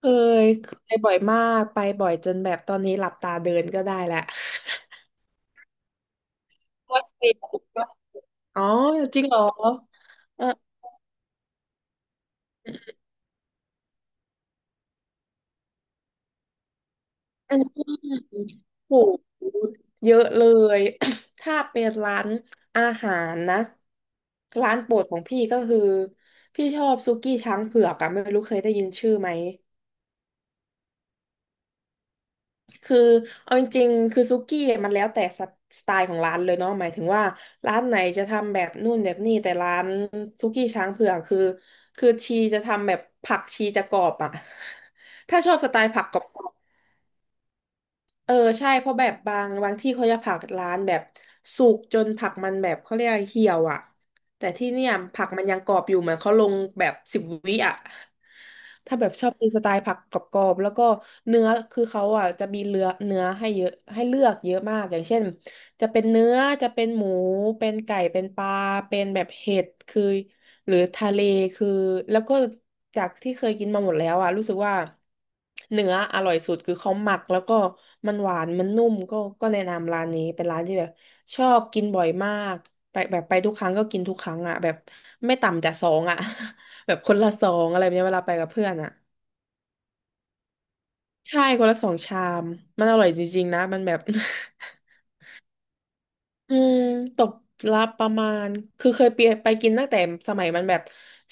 เคยไปบ่อยมากไปบ่อยจนแบบตอนนี้หลับตาเดินก็ได้แหละวว่าเสิอ๋อจริงเหรอเอออันนี้โหเยอะเลย ถ้าเป็นร้านอาหารนะร้านโปรดของพี่ก็คือพี่ชอบซุกี้ช้างเผือกอะไม่รู้เคยได้ยินชื่อไหม คือเอาจริงๆคือซุกี้มันแล้วแต่สไตล์ของร้านเลยเนาะหมายถึงว่าร้านไหนจะทำแบบนู่นแบบนี่แต่ร้านซุกี้ช้างเผือกคือชีจะทำแบบผักชีจะกรอบอ่ะ ถ้าชอบสไตล์ผักกรอบๆเออใช่เพราะแบบบางที่เขาจะผักร้านแบบสุกจนผักมันแบบเขาเรียกเหี่ยวอ่ะแต่ที่เนี่ยผักมันยังกรอบอยู่เหมือนเขาลงแบบ10 วิอ่ะ ถ้าแบบชอบกินสไตล์ผักกรอบๆแล้วก็เนื้อคือเขาอ่ะจะมีเลือเนื้อให้เยอะให้เลือกเยอะมากอย่างเช่นจะเป็นเนื้อจะเป็นหมูเป็นไก่เป็นปลาเป็นแบบเห็ดคือหรือทะเลคือแล้วก็จากที่เคยกินมาหมดแล้วอ่ะรู้สึกว่าเนื้ออร่อยสุดคือเขาหมักแล้วก็มันหวานมันนุ่มก็แนะนำร้านนี้เป็นร้านที่แบบชอบกินบ่อยมากไปแบบไปทุกครั้งก็กินทุกครั้งอ่ะแบบไม่ต่ำจากสองอ่ะ แบบคนละสองอะไรแบบเนี้ยเวลาไปกับเพื่อนอ่ะใช่คนละสองชามมันอร่อยจริงๆนะมันแบบ อืมตกละประมาณคือเคยไปกินตั้งแต่สมัยมันแบบ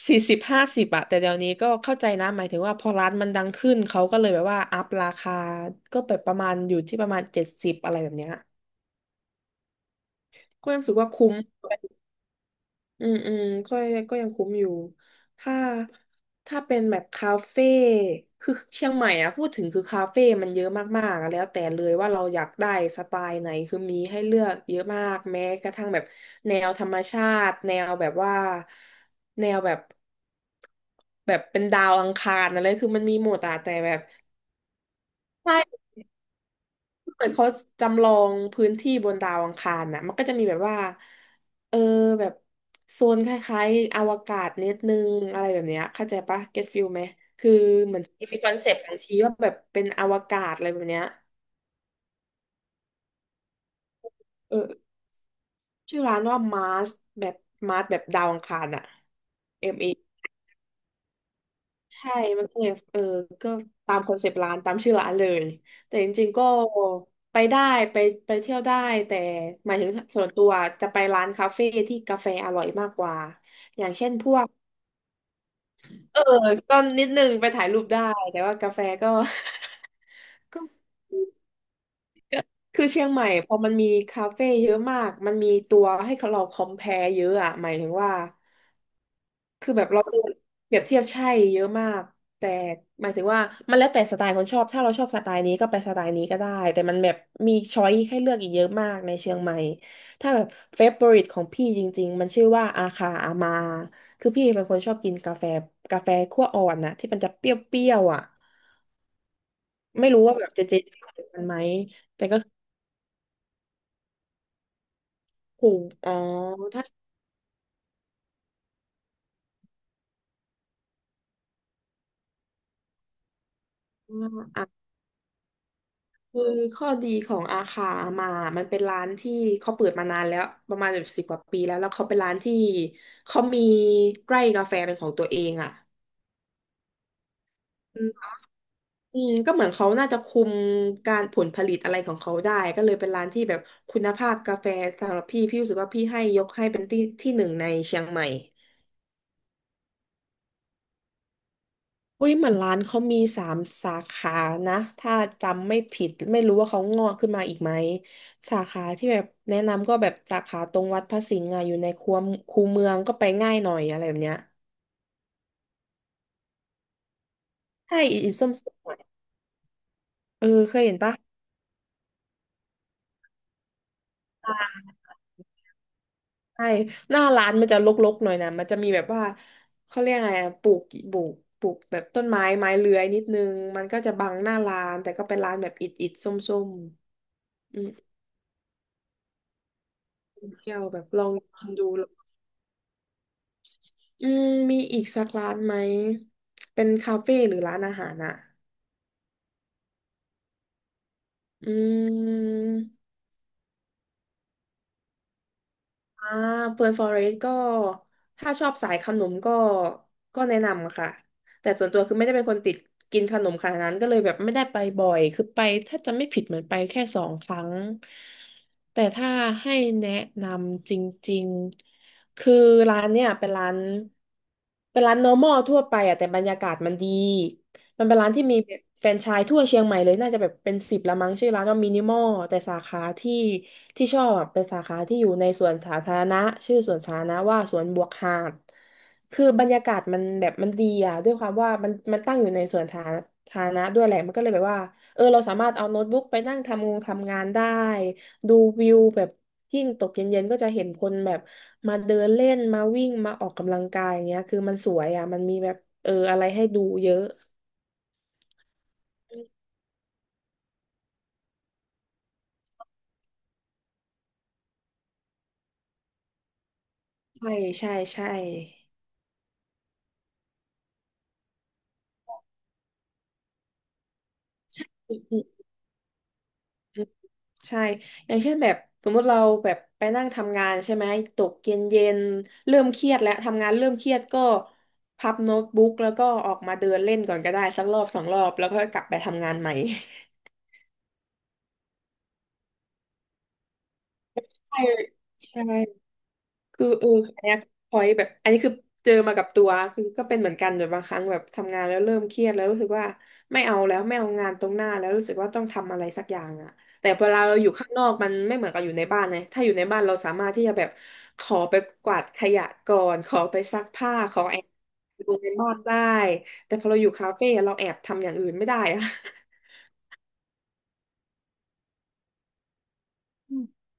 40-50อะแต่เดี๋ยวนี้ก็เข้าใจนะหมายถึงว่าพอร้านมันดังขึ้นเขาก็เลยแบบว่าอัพราคาก็แบบประมาณอยู่ที่ประมาณ70อะไรแบบเนี้ยก็ยังรู้สึกว่าคุ้ม อืมอืมก็ก็ยังคุ้มอยู่ถ้าถ้าเป็นแบบคาเฟ่คือเชียงใหม่อ่ะพูดถึงคือคาเฟ่มันเยอะมากๆอะแล้วแต่เลยว่าเราอยากได้สไตล์ไหนคือมีให้เลือกเยอะมากแม้กระทั่งแบบแนวธรรมชาติแนวแบบว่าแนวแบบแบบเป็นดาวอังคารอะไรคือมันมีหมดอะแต่แบบ เหมือนเขาจำลองพื้นที่บนดาวอังคารน่ะมันก็จะมีแบบว่าเออแบบโซนคล้ายๆอวกาศนิดนึงอะไรแบบเนี้ยเข้าใจปะเก็ตฟิลไหมคือเหมือนมีคอนเซปต์บางทีว่าแบบเป็นอวกาศอะไรแบบเนี้ยเออชื่อร้านว่ามาร์สแบบมาร์สแบบดาวอังคารอ่ะเอมเอ ใช่ มันก็เลยเออก็ตามคอนเซปต์ร้านตามชื่อร้านเลย แต่จริงๆก็ไปได้ไปไปเที่ยวได้แต่หมายถึงส่วนตัวจะไปร้านคาเฟ่ที่กาแฟอร่อยมากกว่า อย่างเช่นพวกเออก็นิดนึงไปถ่ายรูปได้แต่ว่ากาแฟก็ ก็คือเชียงใหม่พอมันมีคาเฟ่เยอะมากมันมีตัวให้เราคอมเพลเยอะอะหมายถึงว่า คือแบบเราเจอเปรียบเทียบใช่เยอะมากแต่หมายถึงว่ามันแล้วแต่สไตล์คนชอบถ้าเราชอบสไตล์นี้ก็ไปสไตล์นี้ก็ได้แต่มันแบบมีช้อยให้เลือกอีกเยอะมากในเชียงใหม่ถ้าแบบเฟเวอริตของพี่จริงๆมันชื่อว่าอาคาอามาคือพี่เป็นคนชอบกินกาแฟกาแฟคั่วอ่อนนะที่มันจะเปรี้ยวๆอ่ะไม่รู้ว่าแบบเจเจรู้จักมันไหมถูหอ๋อถ้า คือข้อดีของอาคามามันเป็นร้านที่เขาเปิดมานานแล้วประมาณ10 กว่าปีแล้วแล้วเขาเป็นร้านที่เขามีไร่กาแฟเป็นของตัวเองอ่ะอืมอืมก็เหมือนเขาน่าจะคุมการผลผลิตอะไรของเขาได้ก็เลยเป็นร้านที่แบบคุณภาพกาแฟสำหรับพี่รู้สึกว่าพี่ให้ยกให้เป็นที่ที่หนึ่งในเชียงใหม่ อุ้ยเหมือนร้านเขามีสามสาขานะถ้าจำไม่ผิดไม่รู้ว่าเขางอกขึ้นมาอีกไหมสาขาที่แบบแนะนำก็แบบสาขาตรงวัดพระสิงห์อะอยู่ในคูเมืองก็ไปง่ายหน่อยอะไรแบบเนี้ยใช่อีส้มสมหน่อยเออเคยเห็นปะใช่หน้าร้านมันจะรกๆหน่อยนะมันจะมีแบบว่าเขาเรียกไงอะปลูกปลูกแบบต้นไม้ไม้เลื้อยนิดนึงมันก็จะบังหน้าร้านแต่ก็เป็นร้านแบบอิฐอิฐส้มๆอืมเที่ยวแบบลองกินดู อืมมีอีกสักร้านไหม เป็นคาเฟ่หรือร้านอาหารอ่ะอืม อ่าเปิดฟอเรสก็ ถ้าชอบสายขนมก็ ก็แนะนำค่ะ แต่ส่วนตัวคือไม่ได้เป็นคนติดกินขนมขนาดนั้นก็เลยแบบไม่ได้ไปบ่อย คือไปถ้าจะไม่ผิดเหมือนไปแค่สองครั้ง แต่ถ้าให้แนะนำจริงๆ คือร้านเนี่ยเป็นร้าน เป็นร้าน normal ทั่วไปอะแต่บรรยากาศมันดี มันเป็นร้านที่มีแบบแฟรนไชส์ทั่วเชียงใหม่เลยน่าจะแบบเป็นสิบละมั้งชื่อร้านว่ามินิมอลแต่สาขาที่ที่ชอบอะเป็นสาขาที่อยู่ในสวนสาธารณะชื่อสวนสาธารณะว่าสวนบวกหาดคือบรรยากาศมันแบบมันดีอ่ะด้วยความว่ามันตั้งอยู่ในสวนสาธารณะด้วยแหละมันก็เลยแบบว่าเราสามารถเอาโน้ตบุ๊กไปนั่งทำงานได้ดูวิวแบบยิ่งตกเย็นๆก็จะเห็นคนแบบมาเดินเล่นมาวิ่งมาออกกำลังกายอย่างเงี้ยคือมันสวยอ่ะมันมีแบบอะไรให้ดูเยอะ ใช่ใช่ใช่อืมอืมอืมใช่ อย่างเช่นแบบสมมติเราแบบไปนั่งทำงานใช่ไหม ตกเย็นเย็นเริ่มเครียดแล้วทำงานเริ่มเครียดก็พับโน้ตบุ๊กแล้วก็ออกมาเดินเล่นก่อนก็ได้สักรอบสองรอบแล้วก็กลับไปทำงานใหม่ใช่ใช่ คืออันเนี้ยพอยแบบอันนี้คือเจอมากับตัวคือก็เป็นเหมือนกันแบบบางครั้งแบบทำงานแล้วเริ่มเครียดแล้วรู้สึกว่าไม่เอาแล้วไม่เอางานตรงหน้าแล้วรู้สึกว่าต้องทำอะไรสักอย่างอ่ะแต่เวลาเราอยู่ข้างนอกมันไม่เหมือนกับอยู่ในบ้านไงถ้าอยู่ในบ้านเราสามารถที่จะแบบขอไปกวาดขยะก่อนขอไปซักผ้าขอแอบดูในบ้านได้แต่พอเราอยู่คาเฟ่เราแอบทำอย่างอื่นไม่ได้อะ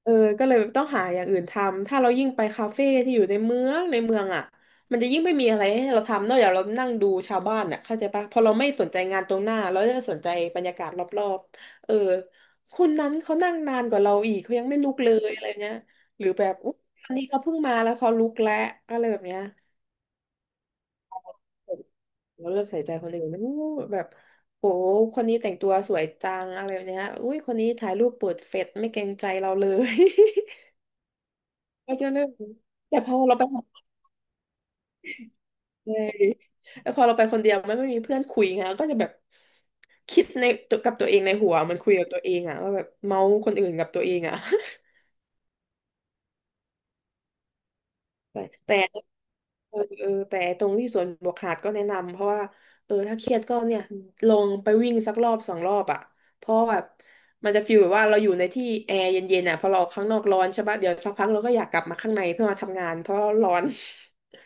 เออก็เลยแบบต้องหาอย่างอื่นทำถ้าเรายิ่งไปคาเฟ่ที่อยู่ในเมืองอ่ะมันจะยิ่งไม่มีอะไรให้เราทำนอกจากเรานั่งดูชาวบ้านอ่ะเข้าใจปะพอเราไม่สนใจงานตรงหน้าเราจะสนใจบรรยากาศรอบๆคนนั้นเขานั่งนานกว่าเราอีกเขายังไม่ลุกเลยอะไรเนี้ยหรือแบบอุ๊ยวันนี้เขาเพิ่งมาแล้วเขาลุกแล้วอะไรแบบเนี้ยเราเริ่มใส่ใจคนอื่นนะอู้แบบโหคนนี้แต่งตัวสวยจังอะไรแบบเนี้ยอุ้ยคนนี้ถ่ายรูปเปิดเฟซไม่เกรงใจเราเลย ก็จะเรื่องนแต่พอเราไปหาเลยแล้วพอเราไปคนเดียวไม่มีเพื่อนคุยไงก็จะแบบคิดในกับตัวเองในหัวมันคุยกับตัวเองอะว่าแบบเมาส์คนอื่นกับตัวเองอะ แต่แต่เออแต่ตรงที่สวนบวกหาดก็แนะนำเพราะว่าถ้าเครียดก็เนี่ยลงไปวิ่งสักรอบสองรอบอะเพราะแบบมันจะฟีลแบบว่าเราอยู่ในที่แอร์เย็นๆอ่ะพอเราออกข้างนอกร้อนใช่ปะเดี๋ยวสักพักเราก็อยากกลับมาข้างในเพื่อมาทำงานเพราะร้อน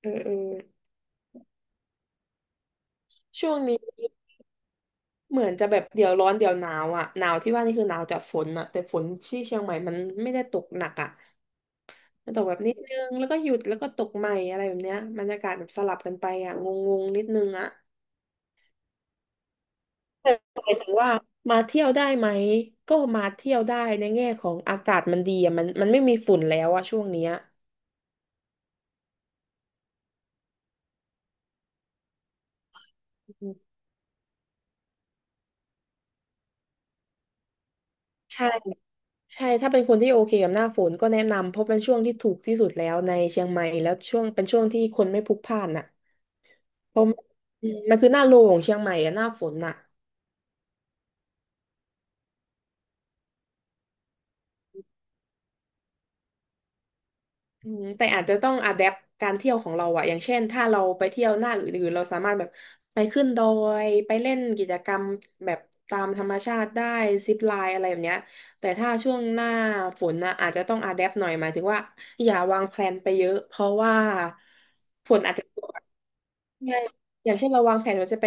เออช่วงนี้ เหมือนจะแบบเดี๋ยวร้อนเดี๋ยวหนาวอ่ะหนาวที่ว่านี่คือหนาวจากฝนอ่ะแต่ฝนที่เชียงใหม่มันไม่ได้ตกหนักอ่ะมันตกแบบนิดนึงแล้วก็หยุดแล้วก็ตกใหม่อะไรแบบเนี้ยบรรยากาศแบบสลับกันไปอ่ะงงๆนิดนึงอ่ะแต่หมายถึงว่ามาเที่ยวได้ไหมก็มาเที่ยวได้ในแง่ของอากาศมันดีอ่ะมันไม่มีฝุ่นแล้วอะช่วงเนี้ยอืมใช่ใช่ถ้าเป็นคนที่โอเคกับหน้าฝนก็แนะนำเพราะเป็นช่วงที่ถูกที่สุดแล้วในเชียงใหม่แล้วช่วงเป็นช่วงที่คนไม่พลุกพล่านอ่ะ มอืมมันคือหน้าโลของเชียงใหม่อะหน้าฝนอะอืมแต่อาจจะต้องอะแดปการเที่ยวของเราอะอย่างเช่นถ้าเราไปเที่ยวหน้าอื่นๆเราสามารถแบบไปขึ้นดอยไปเล่นกิจกรรมแบบตามธรรมชาติได้ซิปไลน์อะไรแบบเนี้ยแต่ถ้าช่วงหน้าฝนนะอาจจะต้องอะแดปหน่อยหมายถึงว่าอย่าวางแพลนไปเยอะเพราะว่าฝนอาจจะ ใช่อย่างเช่นเราวางแผนว่าจะไป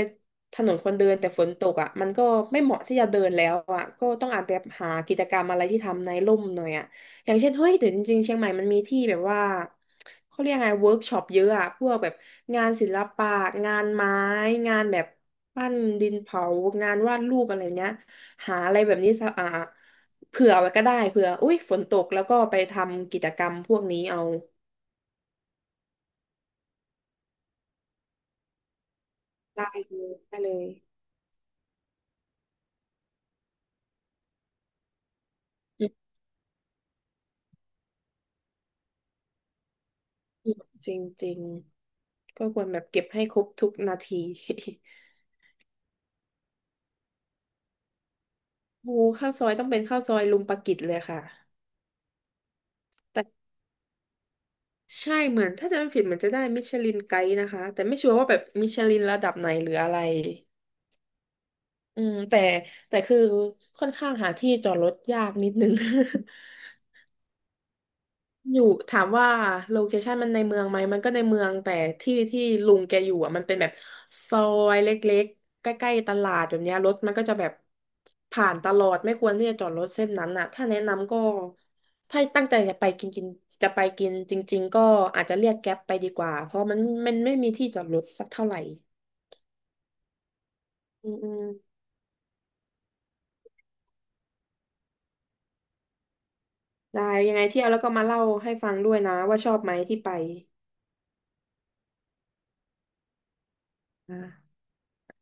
ถนนคนเดินแต่ฝนตกอ่ะมันก็ไม่เหมาะที่จะเดินแล้วอ่ะ ก็ต้องอาจจะหากิจกรรมอะไรที่ทำในร่มหน่อยอ่ะ อย่างเช่นเฮ้ยแต่จริงๆเชียงใหม่มันมีที่แบบว่าเขาเรียกไงเวิร์กช็อปเยอะอ่ะพวกแบบงานศิลปะงานไม้งานแบบปั้นดินเผางานวาดรูปอะไรแบบเนี้ยหาอะไรแบบนี้สะอ่าเผื่อไว้ก็ได้เผื่ออุ้ยฝนตกแล้วก็ไปทำกิจกรรมพวกนี้เอาได้เลยอืมจริงจริง ก็ควรแบบเก็บให้ครบทุกนาที โอ้ข้าวซอยต้องเป็นข้าวซอยลุงปากิจเลยค่ะ แต่ใช่เหมือนถ้าจะไม่ผิดเหมือนจะได้มิชลินไกด์นะคะแต่ไม่ชัวร์ว่าแบบมิชลินระดับไหนหรืออะไร อืมแต่แต่คือค่อนข้างหาที่จอดรถยากนิดนึง อยู่ถามว่าโลเคชันมันในเมืองไหมมันก็ในเมืองแต่ที่ที่ลุงแกอยู่อ่ะมันเป็นแบบซอยเล็กๆใกล้ๆตลาดแบบเนี้ยรถมันก็จะแบบผ่านตลอดไม่ควรที่จะจอดรถเส้นนั้นอ่ะถ้าแนะนำก็ถ้าตั้งใจจะไปกินกินจะไปกินจริงๆก็อาจจะเรียกแก๊ปไปดีกว่าเพราะมันไม่มีที่จอดรถสักเท่าไหร่อืมอืมได้ยังไงเที่ยวแล้วก็มาเล่าให้ฟังด้วยนะว่าชอบไหมที่ไปอ่า